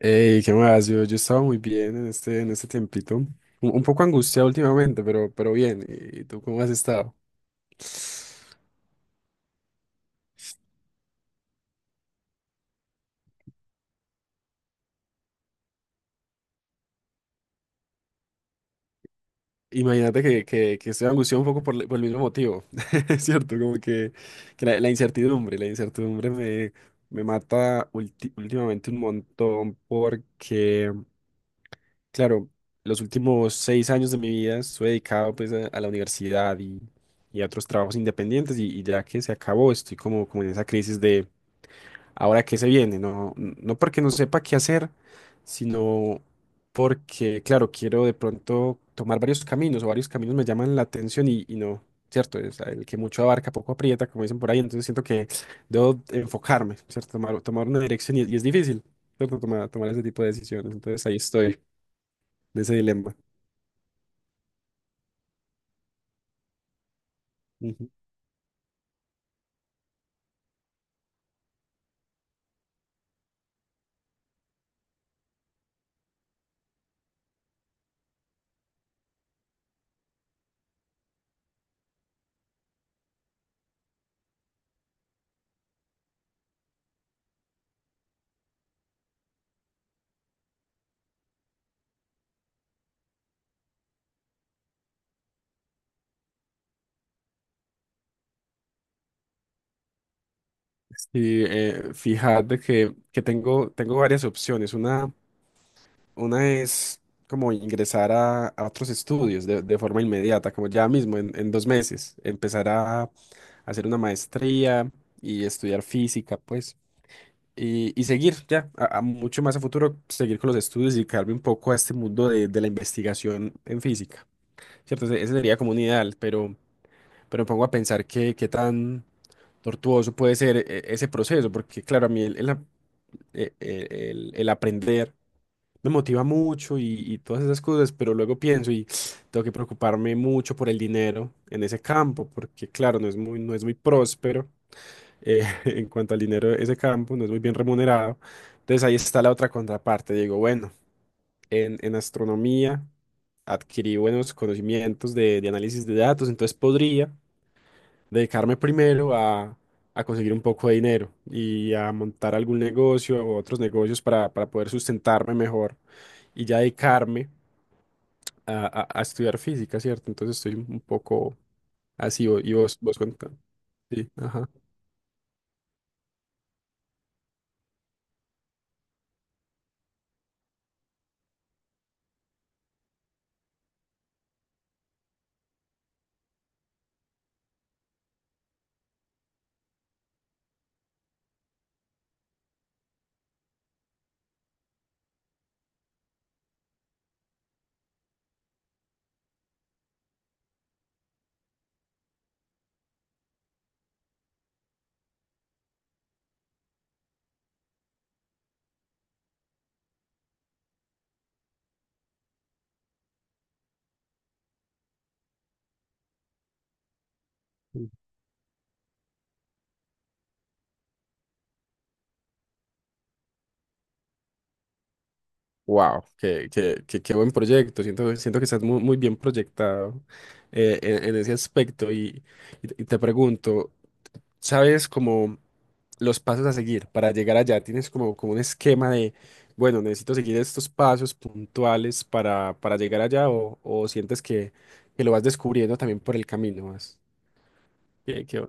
Ey, ¿qué más? Yo estaba muy bien en este tiempito. Un poco angustiado últimamente, pero bien. ¿Y tú cómo has estado? Imagínate que estoy angustiado un poco por el mismo motivo. Es cierto, como que la incertidumbre, me mata últimamente un montón porque, claro, los últimos 6 años de mi vida estuve dedicado pues a la universidad y a otros trabajos independientes y ya que se acabó, estoy como en esa crisis ahora qué se viene, no, no porque no sepa qué hacer, sino porque, claro, quiero de pronto tomar varios caminos o varios caminos me llaman la atención y no, ¿cierto? Es el que mucho abarca, poco aprieta, como dicen por ahí, entonces siento que debo enfocarme, ¿cierto? Tomar una dirección y es difícil, ¿cierto? Tomar ese tipo de decisiones, entonces ahí estoy, en ese dilema. Ujú. Sí, fíjate que tengo varias opciones. Una es como ingresar a otros estudios de forma inmediata, como ya mismo en 2 meses, empezar a hacer una maestría y estudiar física, pues, y seguir ya, a mucho más a futuro, seguir con los estudios y dedicarme un poco a este mundo de la investigación en física, ¿cierto? Ese sería como un ideal, pero me pongo a pensar qué tan tortuoso puede ser ese proceso, porque claro, a mí el, ap- el aprender me motiva mucho y todas esas cosas, pero luego pienso y tengo que preocuparme mucho por el dinero en ese campo, porque claro, no es muy próspero en cuanto al dinero de ese campo, no es muy bien remunerado. Entonces ahí está la otra contraparte. Digo, bueno, en astronomía adquirí buenos conocimientos de análisis de datos, entonces podría dedicarme primero a conseguir un poco de dinero y a montar algún negocio o otros negocios para poder sustentarme mejor y ya dedicarme a estudiar física, ¿cierto? Entonces estoy un poco así y vos contá. Sí, ajá. Wow, qué buen proyecto. Siento que estás muy, muy bien proyectado en ese aspecto. Y te pregunto, ¿sabes cómo? Los pasos a seguir para llegar allá. Tienes como un esquema de, bueno, necesito seguir estos pasos puntuales para llegar allá o sientes que lo vas descubriendo también por el camino. Más. Qué, qué-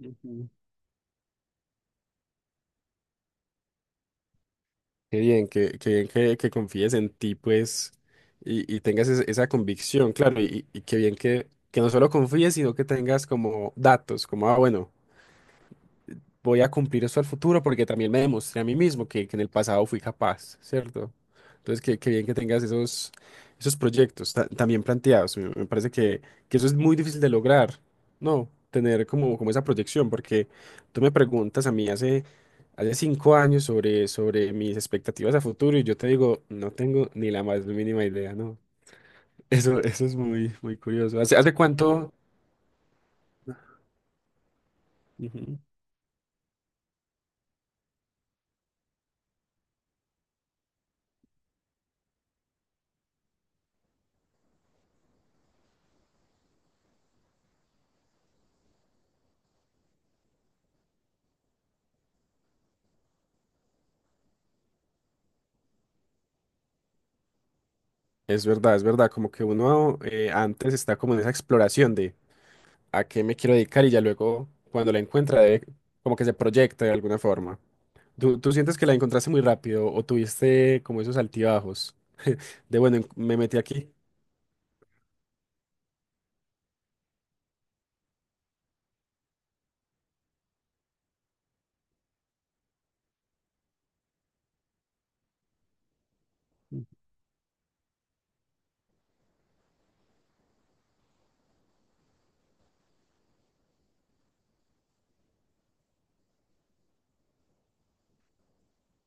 Ujú. Qué bien que confíes en ti, pues, y tengas esa convicción, claro, y qué bien que no solo confíes, sino que tengas como datos, como, ah, bueno. Voy a cumplir eso al futuro porque también me demostré a mí mismo que en el pasado fui capaz, ¿cierto? Entonces, qué bien que tengas esos proyectos también planteados. Me parece que eso es muy difícil de lograr, ¿no? Tener como esa proyección, porque tú me preguntas a mí hace 5 años sobre mis expectativas a futuro y yo te digo, no tengo ni la más mínima idea, ¿no? Eso es muy, muy curioso. ¿Hace cuánto? Ujú. Es verdad, como que uno antes está como en esa exploración a qué me quiero dedicar y ya luego cuando la encuentra como que se proyecta de alguna forma. ¿Tú sientes que la encontraste muy rápido o tuviste como esos altibajos de bueno, me metí aquí?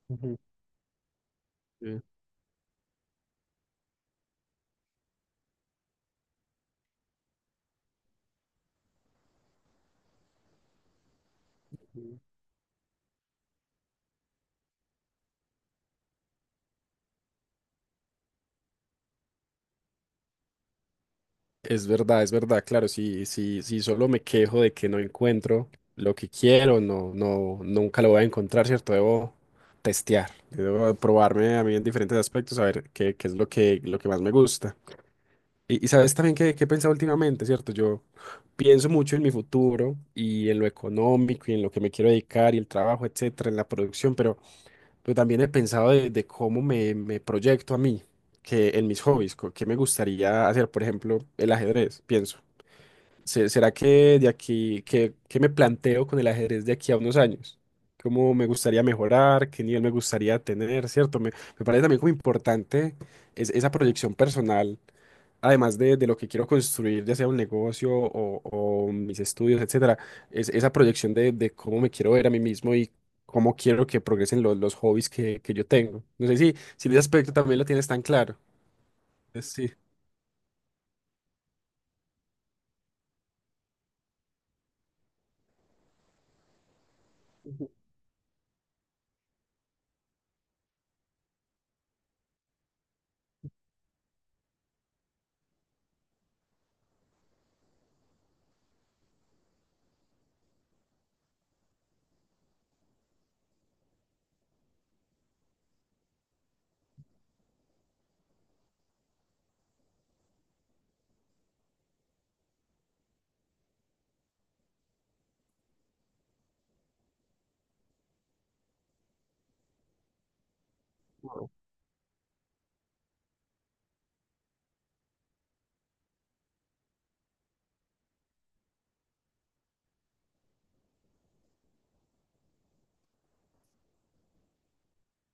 Ujú. Eh, es verdad, claro, si, si, si solo me quejo de que no encuentro lo que quiero, no, no, nunca lo voy a encontrar, ¿cierto? Debo testear, debo probarme a mí en diferentes aspectos, a ver qué es lo que más me gusta. Y sabes también que he pensado últimamente, ¿cierto? Yo pienso mucho en mi futuro y en lo económico y en lo que me quiero dedicar y el trabajo, etcétera, en la producción, pero también he pensado de cómo me proyecto a mí, que en mis hobbies, qué me gustaría hacer, por ejemplo, el ajedrez, pienso. ¿Será que de aquí, que me planteo con el ajedrez de aquí a unos años? ¿Cómo me gustaría mejorar? ¿Qué nivel me gustaría tener? ¿Cierto? Me parece también como importante esa proyección personal además de lo que quiero construir, ya sea un negocio o mis estudios, etcétera, es esa proyección de cómo me quiero ver a mí mismo y cómo quiero que progresen los hobbies que yo tengo. No sé si, si ese aspecto también lo tienes tan claro. Sí.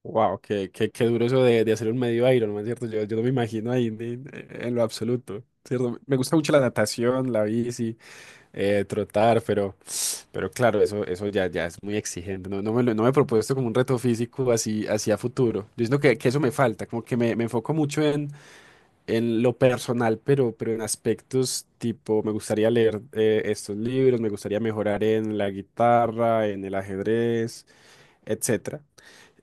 Wow, qué duro eso de hacer un medio Ironman, ¿cierto? Yo no me imagino ahí en lo absoluto, ¿cierto? Me gusta mucho la natación, la bici, trotar, pero. Pero claro, eso ya, ya es muy exigente. No, no me he propuesto como un reto físico así, así a futuro. Yo siento que eso me falta, como que me enfoco mucho en lo personal, pero en aspectos tipo, me gustaría leer estos libros, me gustaría mejorar en la guitarra, en el ajedrez, etcétera.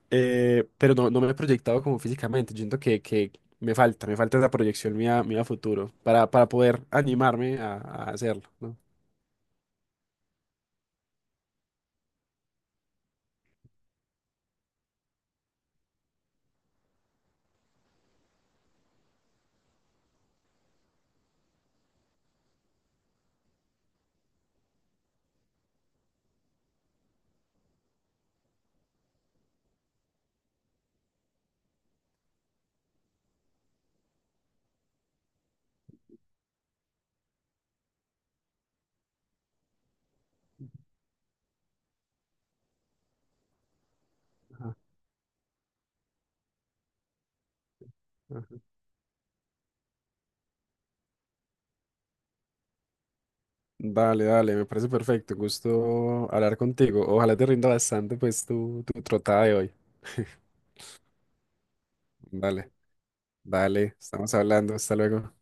Pero no, no me he proyectado como físicamente. Yo siento que me falta esa proyección mía, mía a futuro para poder animarme a hacerlo, ¿no? Ajá, ajá. Dale, dale, me parece perfecto. Gusto hablar contigo. Ojalá te rinda bastante pues tu trotada de hoy. Dale, dale, estamos hablando. Hasta luego.